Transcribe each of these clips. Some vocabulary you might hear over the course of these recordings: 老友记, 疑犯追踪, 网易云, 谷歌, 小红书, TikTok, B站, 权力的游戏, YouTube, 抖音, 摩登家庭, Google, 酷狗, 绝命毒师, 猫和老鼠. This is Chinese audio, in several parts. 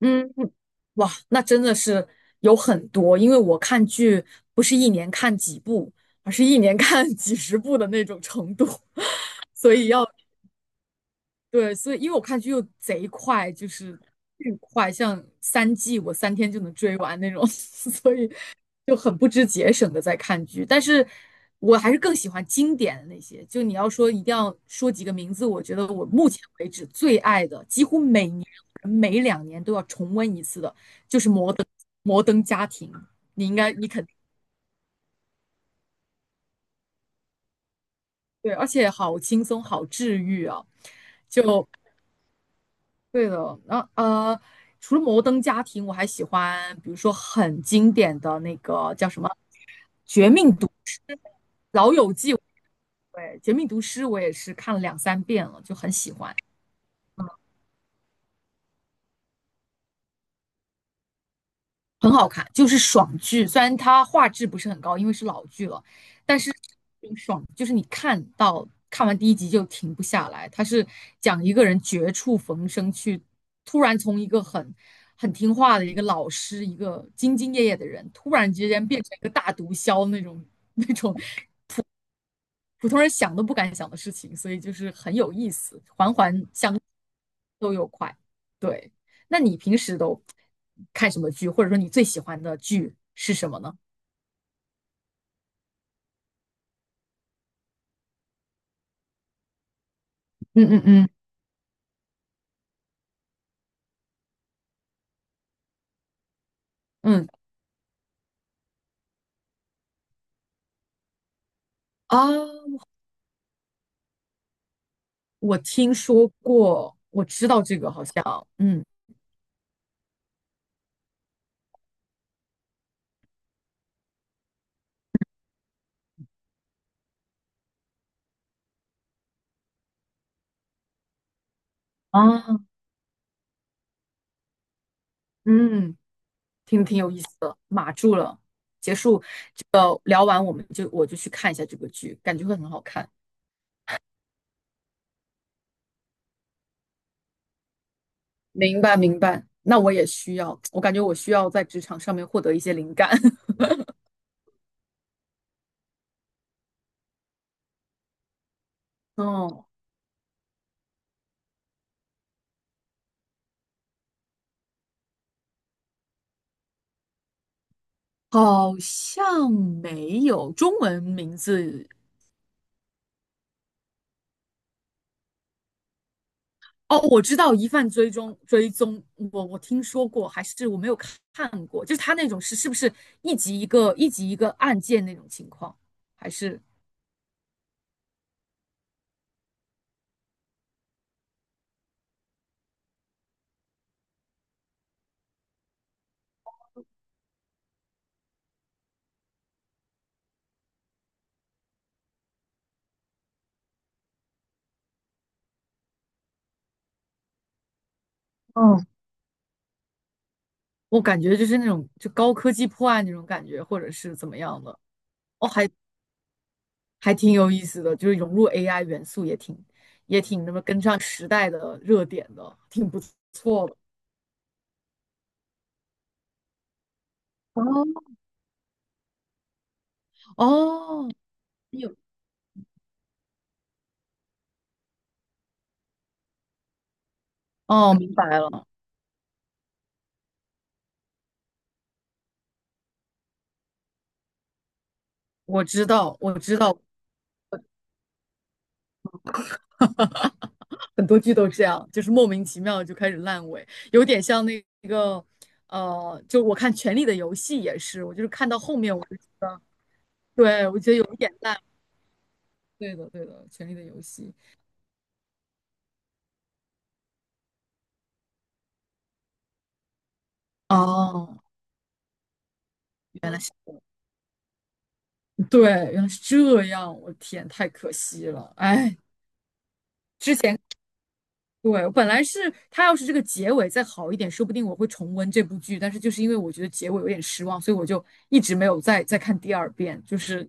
嗯，哇，那真的是有很多。因为我看剧不是一年看几部，而是一年看 几十部的那种程度，所以要，对，所以因为我看剧又贼快，就是巨快，像3季我3天就能追完那种。所以就很不知节省的在看剧，但是我还是更喜欢经典的那些。就你要说一定要说几个名字，我觉得我目前为止最爱的，几乎每年每两年都要重温一次的，就是《摩登家庭》。你应该，你肯定对，而且好轻松，好治愈啊！就对的。然后除了《摩登家庭》，我还喜欢，比如说很经典的那个叫什么《绝命毒师》《老友记》。对，《绝命毒师》我也是看了两三遍了，就很喜欢，很好看，就是爽剧。虽然它画质不是很高，因为是老剧了，但是挺爽，就是你看到看完第一集就停不下来。它是讲一个人绝处逢生去，突然从一个很听话的一个老师，一个兢兢业业的人，突然之间变成一个大毒枭那种 那种普通人想都不敢想的事情，所以就是很有意思，环环都有快。对，那你平时都看什么剧，或者说你最喜欢的剧是什么呢？嗯嗯嗯嗯啊，我听说过，我知道这个好像。嗯啊嗯挺有意思的，码住了。结束这个聊完，我就去看一下这个剧，感觉会很好看。明白明白。那我也需要，我感觉我需要在职场上面获得一些灵感。哦，好像没有中文名字。哦，我知道疑犯追踪，我听说过，还是我没有看过。就是他那种是不是一集一个案件那种情况，还是嗯，我感觉就是那种就高科技破案那种感觉，或者是怎么样的？哦，还挺有意思的，就是融入 AI 元素也挺那么跟上时代的热点的，挺不错的。哦，哦有，哦，明白了。我知道我知道，很多剧都这样，就是莫名其妙就开始烂尾，有点像那个，就我看《权力的游戏》也是，我就是看到后面我就，对，我觉得有一点烂。对的，对的。《权力的游戏》哦，原来是，对，原来是这样。我天，太可惜了，哎，之前对，我本来是他要是这个结尾再好一点，说不定我会重温这部剧，但是就是因为我觉得结尾有点失望，所以我就一直没有再看第二遍。就是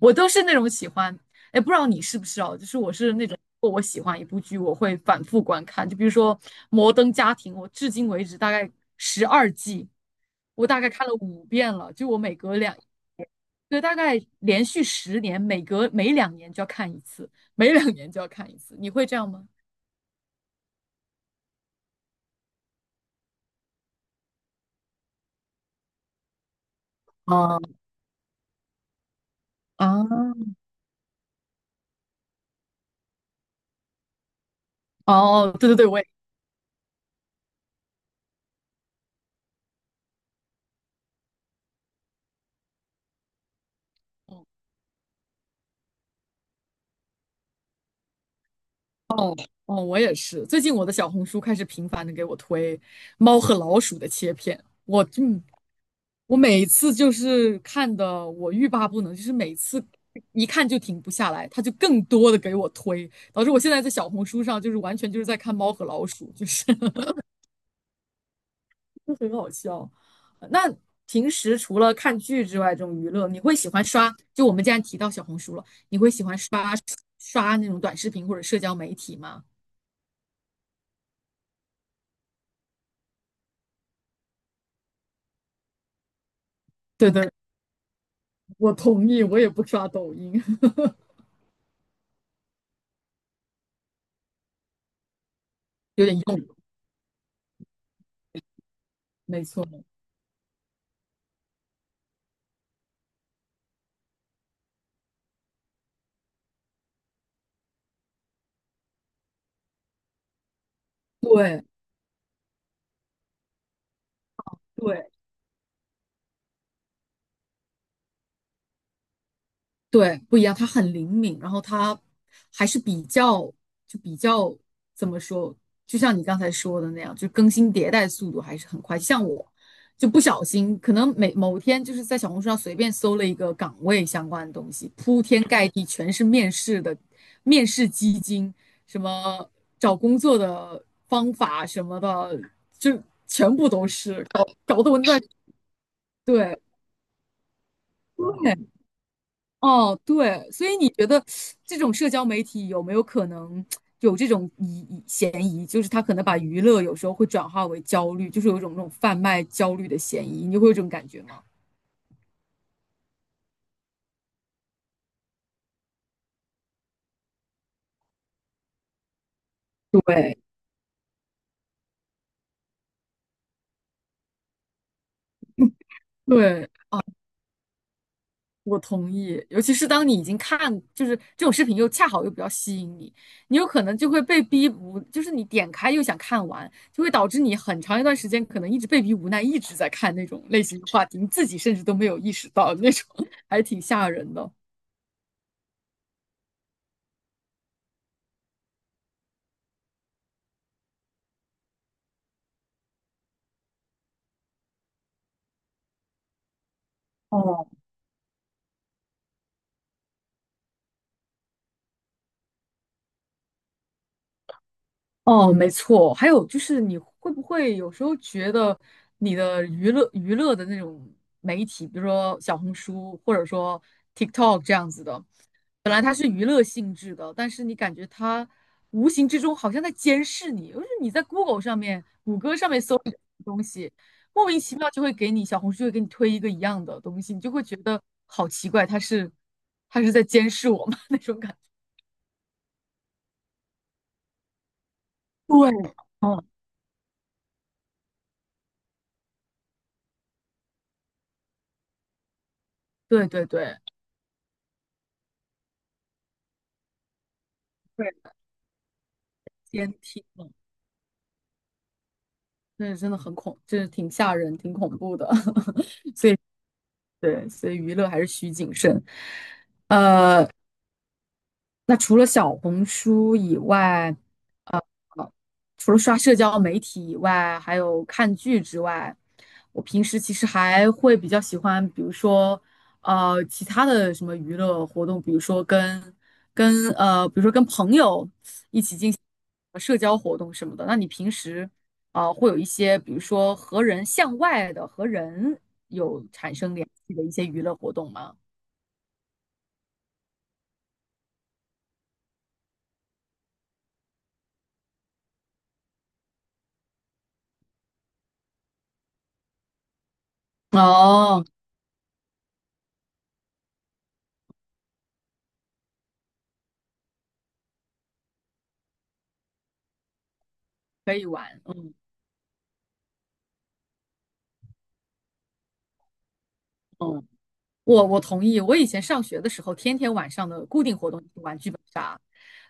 我都是那种喜欢，哎，不知道你是不是哦？就是我是那种，如果我喜欢一部剧，我会反复观看。就比如说《摩登家庭》，我至今为止大概12季，我大概看了5遍了。就我每隔两，对，大概连续10年，每两年就要看一次，每两年就要看一次。你会这样吗？哦啊，哦，对对对，我也。哦哦，我也是。最近我的小红书开始频繁的给我推猫和老鼠的切片，我每次就是看的我欲罢不能，就是每次一看就停不下来，它就更多的给我推，导致我现在在小红书上就是完全就是在看猫和老鼠，就是 就很好笑。那平时除了看剧之外，这种娱乐，你会喜欢刷？就我们既然提到小红书了，你会喜欢刷那种短视频或者社交媒体吗？对对。我同意，我也不刷抖音。有点用，没错，对对。对，不一样，他很灵敏，然后他还是比较怎么说，就像你刚才说的那样，就更新迭代速度还是很快。像我就不小心，可能每某天就是在小红书上随便搜了一个岗位相关的东西，铺天盖地全是面试的面试基金，什么找工作的方法什么的，就全部都是搞得我那对。哦，对，所以你觉得这种社交媒体有没有可能有这种嫌疑？就是他可能把娱乐有时候会转化为焦虑，就是有一种那种贩卖焦虑的嫌疑，你会有这种感觉吗？对，对，我同意。尤其是当你已经看，就是这种视频又恰好又比较吸引你，你有可能就会被逼无，就是你点开又想看完，就会导致你很长一段时间可能一直被逼无奈，一直在看那种类型的话题，你自己甚至都没有意识到那种。还挺吓人的。哦。哦，没错。还有就是，你会不会有时候觉得你的娱乐的那种媒体，比如说小红书或者说 TikTok 这样子的，本来它是娱乐性质的，但是你感觉它无形之中好像在监视你，就是你在 Google 上面、谷歌上面搜一个东西，莫名其妙就会给你小红书就会给你推一个一样的东西，你就会觉得好奇怪，它是它是在监视我吗？那种感觉。对，哦，对对对，对，监听。那是真的很恐，就是挺吓人、挺恐怖的。对，所以娱乐还是需谨慎。呃，那除了小红书以外，呃，除了刷社交媒体以外，还有看剧之外，我平时其实还会比较喜欢，比如说，其他的什么娱乐活动，比如说跟朋友社交活动什么的。那你平时啊,会有一些，比如说和人向外的和人有产生联系的一些娱乐活动吗？哦，可以玩，嗯嗯，我同意。我以前上学的时候，天天晚上的固定活动就是玩剧本杀。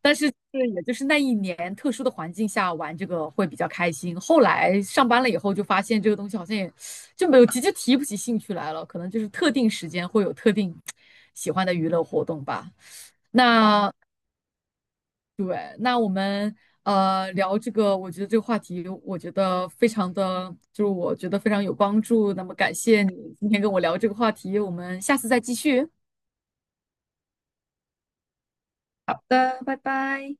但是就是也就是那一年特殊的环境下玩这个会比较开心。后来上班了以后，就发现这个东西好像也就没有提就提不起兴趣来了。可能就是特定时间会有特定喜欢的娱乐活动吧。那对，那我们聊这个，我觉得这个话题，我觉得非常的，就是我觉得非常有帮助。那么感谢你今天跟我聊这个话题，我们下次再继续。好的，拜拜。